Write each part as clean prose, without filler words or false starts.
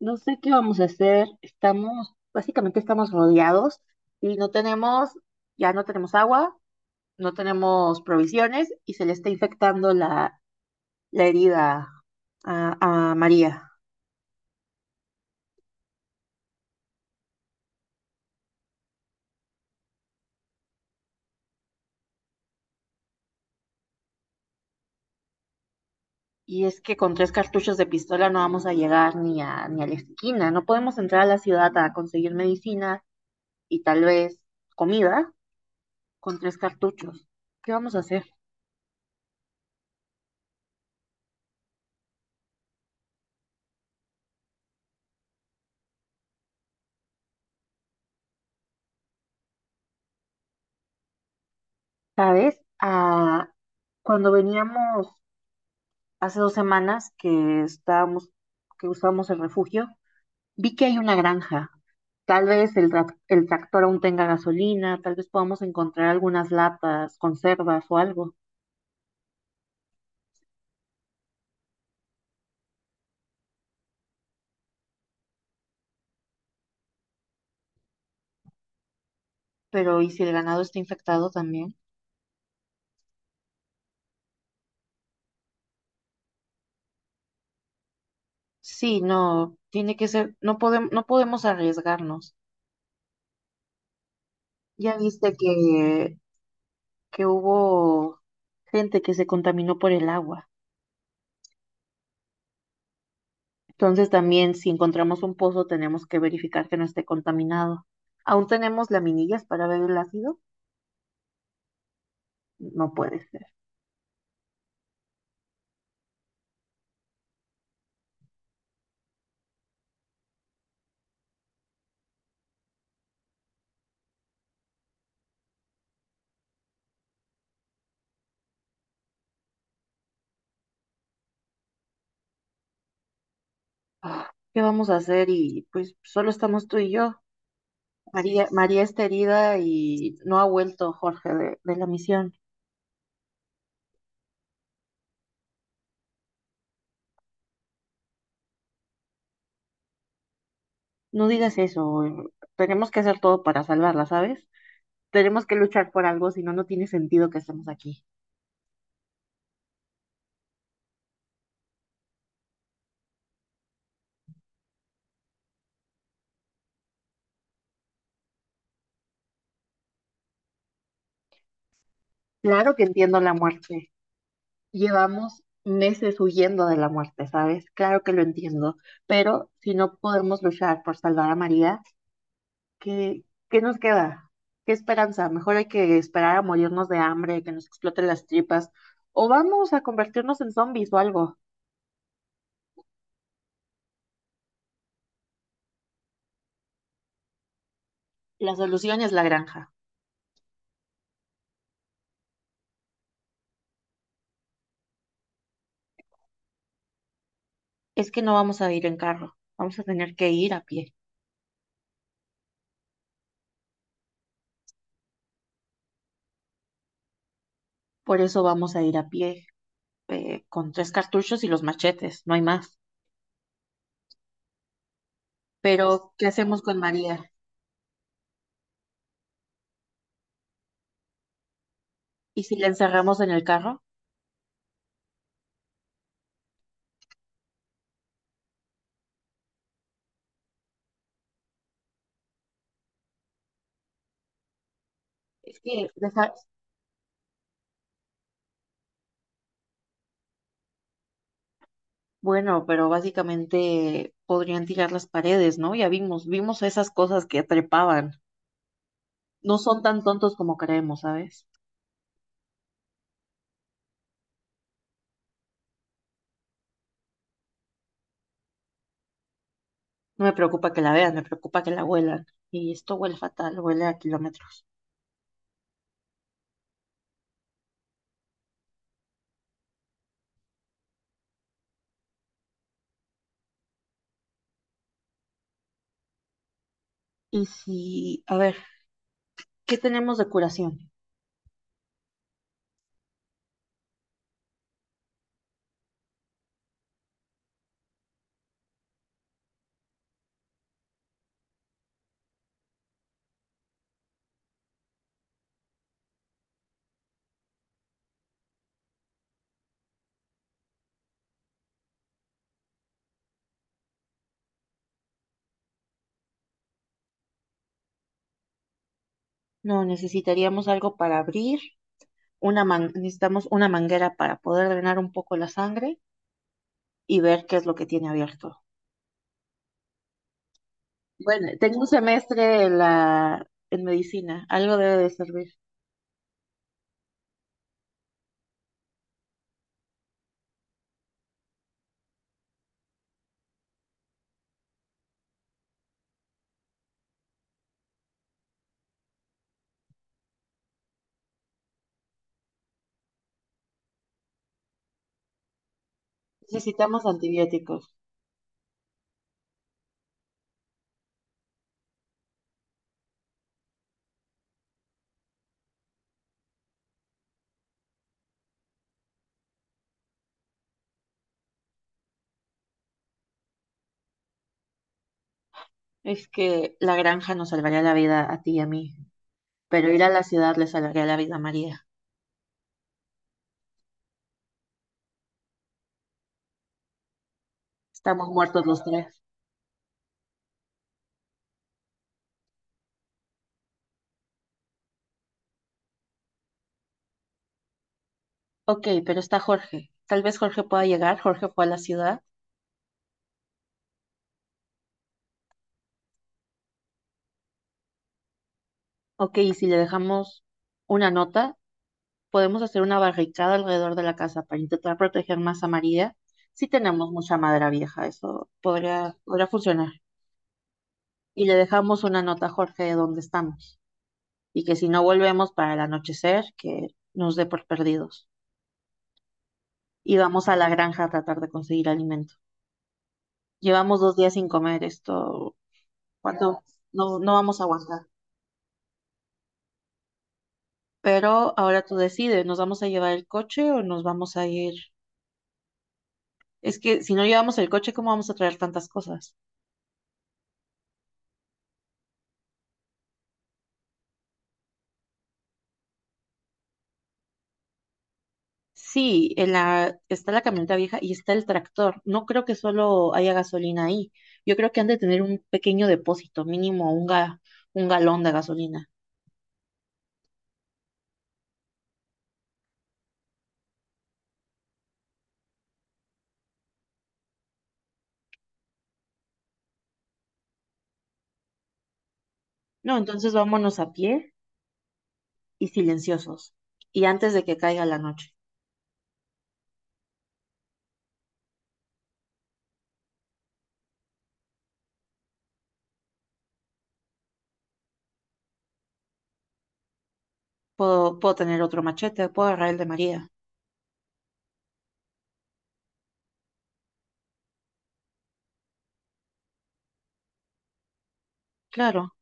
No sé qué vamos a hacer. Básicamente, estamos rodeados y ya no tenemos agua, no tenemos provisiones y se le está infectando la herida a María. Y es que con tres cartuchos de pistola no vamos a llegar ni a la esquina. No podemos entrar a la ciudad a conseguir medicina y tal vez comida con tres cartuchos. ¿Qué vamos a hacer? ¿Sabes? Ah, cuando veníamos hace 2 semanas que que usamos el refugio, vi que hay una granja. Tal vez el tractor aún tenga gasolina, tal vez podamos encontrar algunas latas, conservas o algo. Pero ¿y si el ganado está infectado también? Sí, no, tiene que ser, no podemos, no podemos arriesgarnos. Ya viste que hubo gente que se contaminó por el agua. Entonces también si encontramos un pozo tenemos que verificar que no esté contaminado. ¿Aún tenemos laminillas para ver el ácido? No puede ser. Ah, ¿qué vamos a hacer? Y pues solo estamos tú y yo. María, María está herida y no ha vuelto Jorge de la misión. No digas eso. Tenemos que hacer todo para salvarla, ¿sabes? Tenemos que luchar por algo, si no, no tiene sentido que estemos aquí. Claro que entiendo la muerte. Llevamos meses huyendo de la muerte, ¿sabes? Claro que lo entiendo, pero si no podemos luchar por salvar a María, ¿qué, ¿qué nos queda? ¿Qué esperanza? Mejor hay que esperar a morirnos de hambre, que nos exploten las tripas, o vamos a convertirnos en zombies o algo. La solución es la granja. Es que no vamos a ir en carro, vamos a tener que ir a pie. Por eso vamos a ir a pie, con tres cartuchos y los machetes, no hay más. Pero ¿qué hacemos con María? ¿Y si la encerramos en el carro? Es que, deja- bueno, pero básicamente podrían tirar las paredes, ¿no? Ya vimos esas cosas que trepaban. No son tan tontos como creemos, ¿sabes? No me preocupa que la vean, me preocupa que la huelan. Y esto huele fatal, huele a kilómetros. Y si, a ver, ¿qué tenemos de curación? No, necesitaríamos algo para abrir, necesitamos una manguera para poder drenar un poco la sangre y ver qué es lo que tiene abierto. Bueno, tengo un semestre en en medicina, algo debe de servir. Necesitamos antibióticos. Es que la granja nos salvaría la vida a ti y a mí, pero ir a la ciudad le salvaría la vida a María. Estamos muertos los tres. Ok, pero está Jorge. Tal vez Jorge pueda llegar. Jorge fue a la ciudad. Ok, y si le dejamos una nota, podemos hacer una barricada alrededor de la casa para intentar proteger más a María. Si tenemos mucha madera vieja, eso podría funcionar. Y le dejamos una nota a Jorge de dónde estamos. Y que si no volvemos para el anochecer, que nos dé por perdidos. Y vamos a la granja a tratar de conseguir alimento. Llevamos 2 días sin comer esto. ¿Cuánto? No, no vamos a aguantar. Pero ahora tú decides, ¿nos vamos a llevar el coche o nos vamos a ir? Es que si no llevamos el coche, ¿cómo vamos a traer tantas cosas? Sí, en la, está la camioneta vieja y está el tractor. No creo que solo haya gasolina ahí. Yo creo que han de tener un pequeño depósito, mínimo 1 galón de gasolina. No, entonces vámonos a pie y silenciosos. Y antes de que caiga la noche. Puedo tener otro machete, puedo agarrar el de María, claro,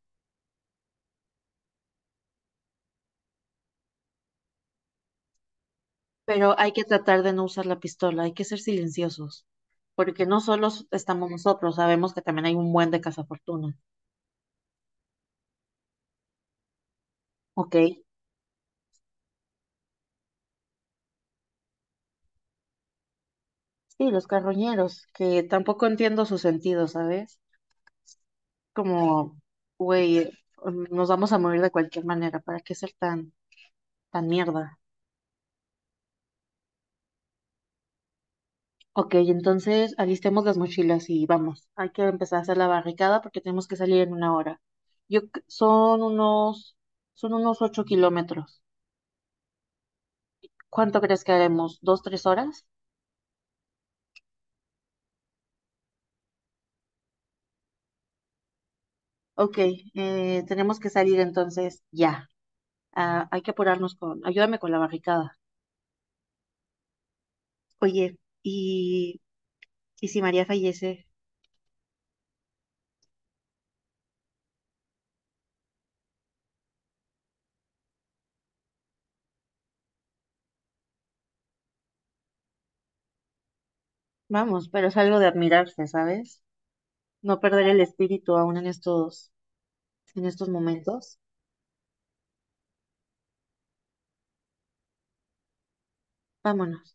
pero hay que tratar de no usar la pistola, hay que ser silenciosos, porque no solo estamos nosotros, sabemos que también hay un buen de cazafortuna. Ok, sí, los carroñeros, que tampoco entiendo su sentido, ¿sabes? Como, güey, nos vamos a morir de cualquier manera, ¿para qué ser tan, tan mierda? Ok, entonces alistemos las mochilas y vamos. Hay que empezar a hacer la barricada porque tenemos que salir en una hora. Yo, c- son unos 8 kilómetros. ¿Cuánto crees que haremos? ¿2, 3 horas? Ok, tenemos que salir entonces ya. Ah, hay que apurarnos ayúdame con la barricada. Oye, y si María fallece, vamos, pero es algo de admirarse, ¿sabes? No perder el espíritu aún en en estos momentos. Vámonos.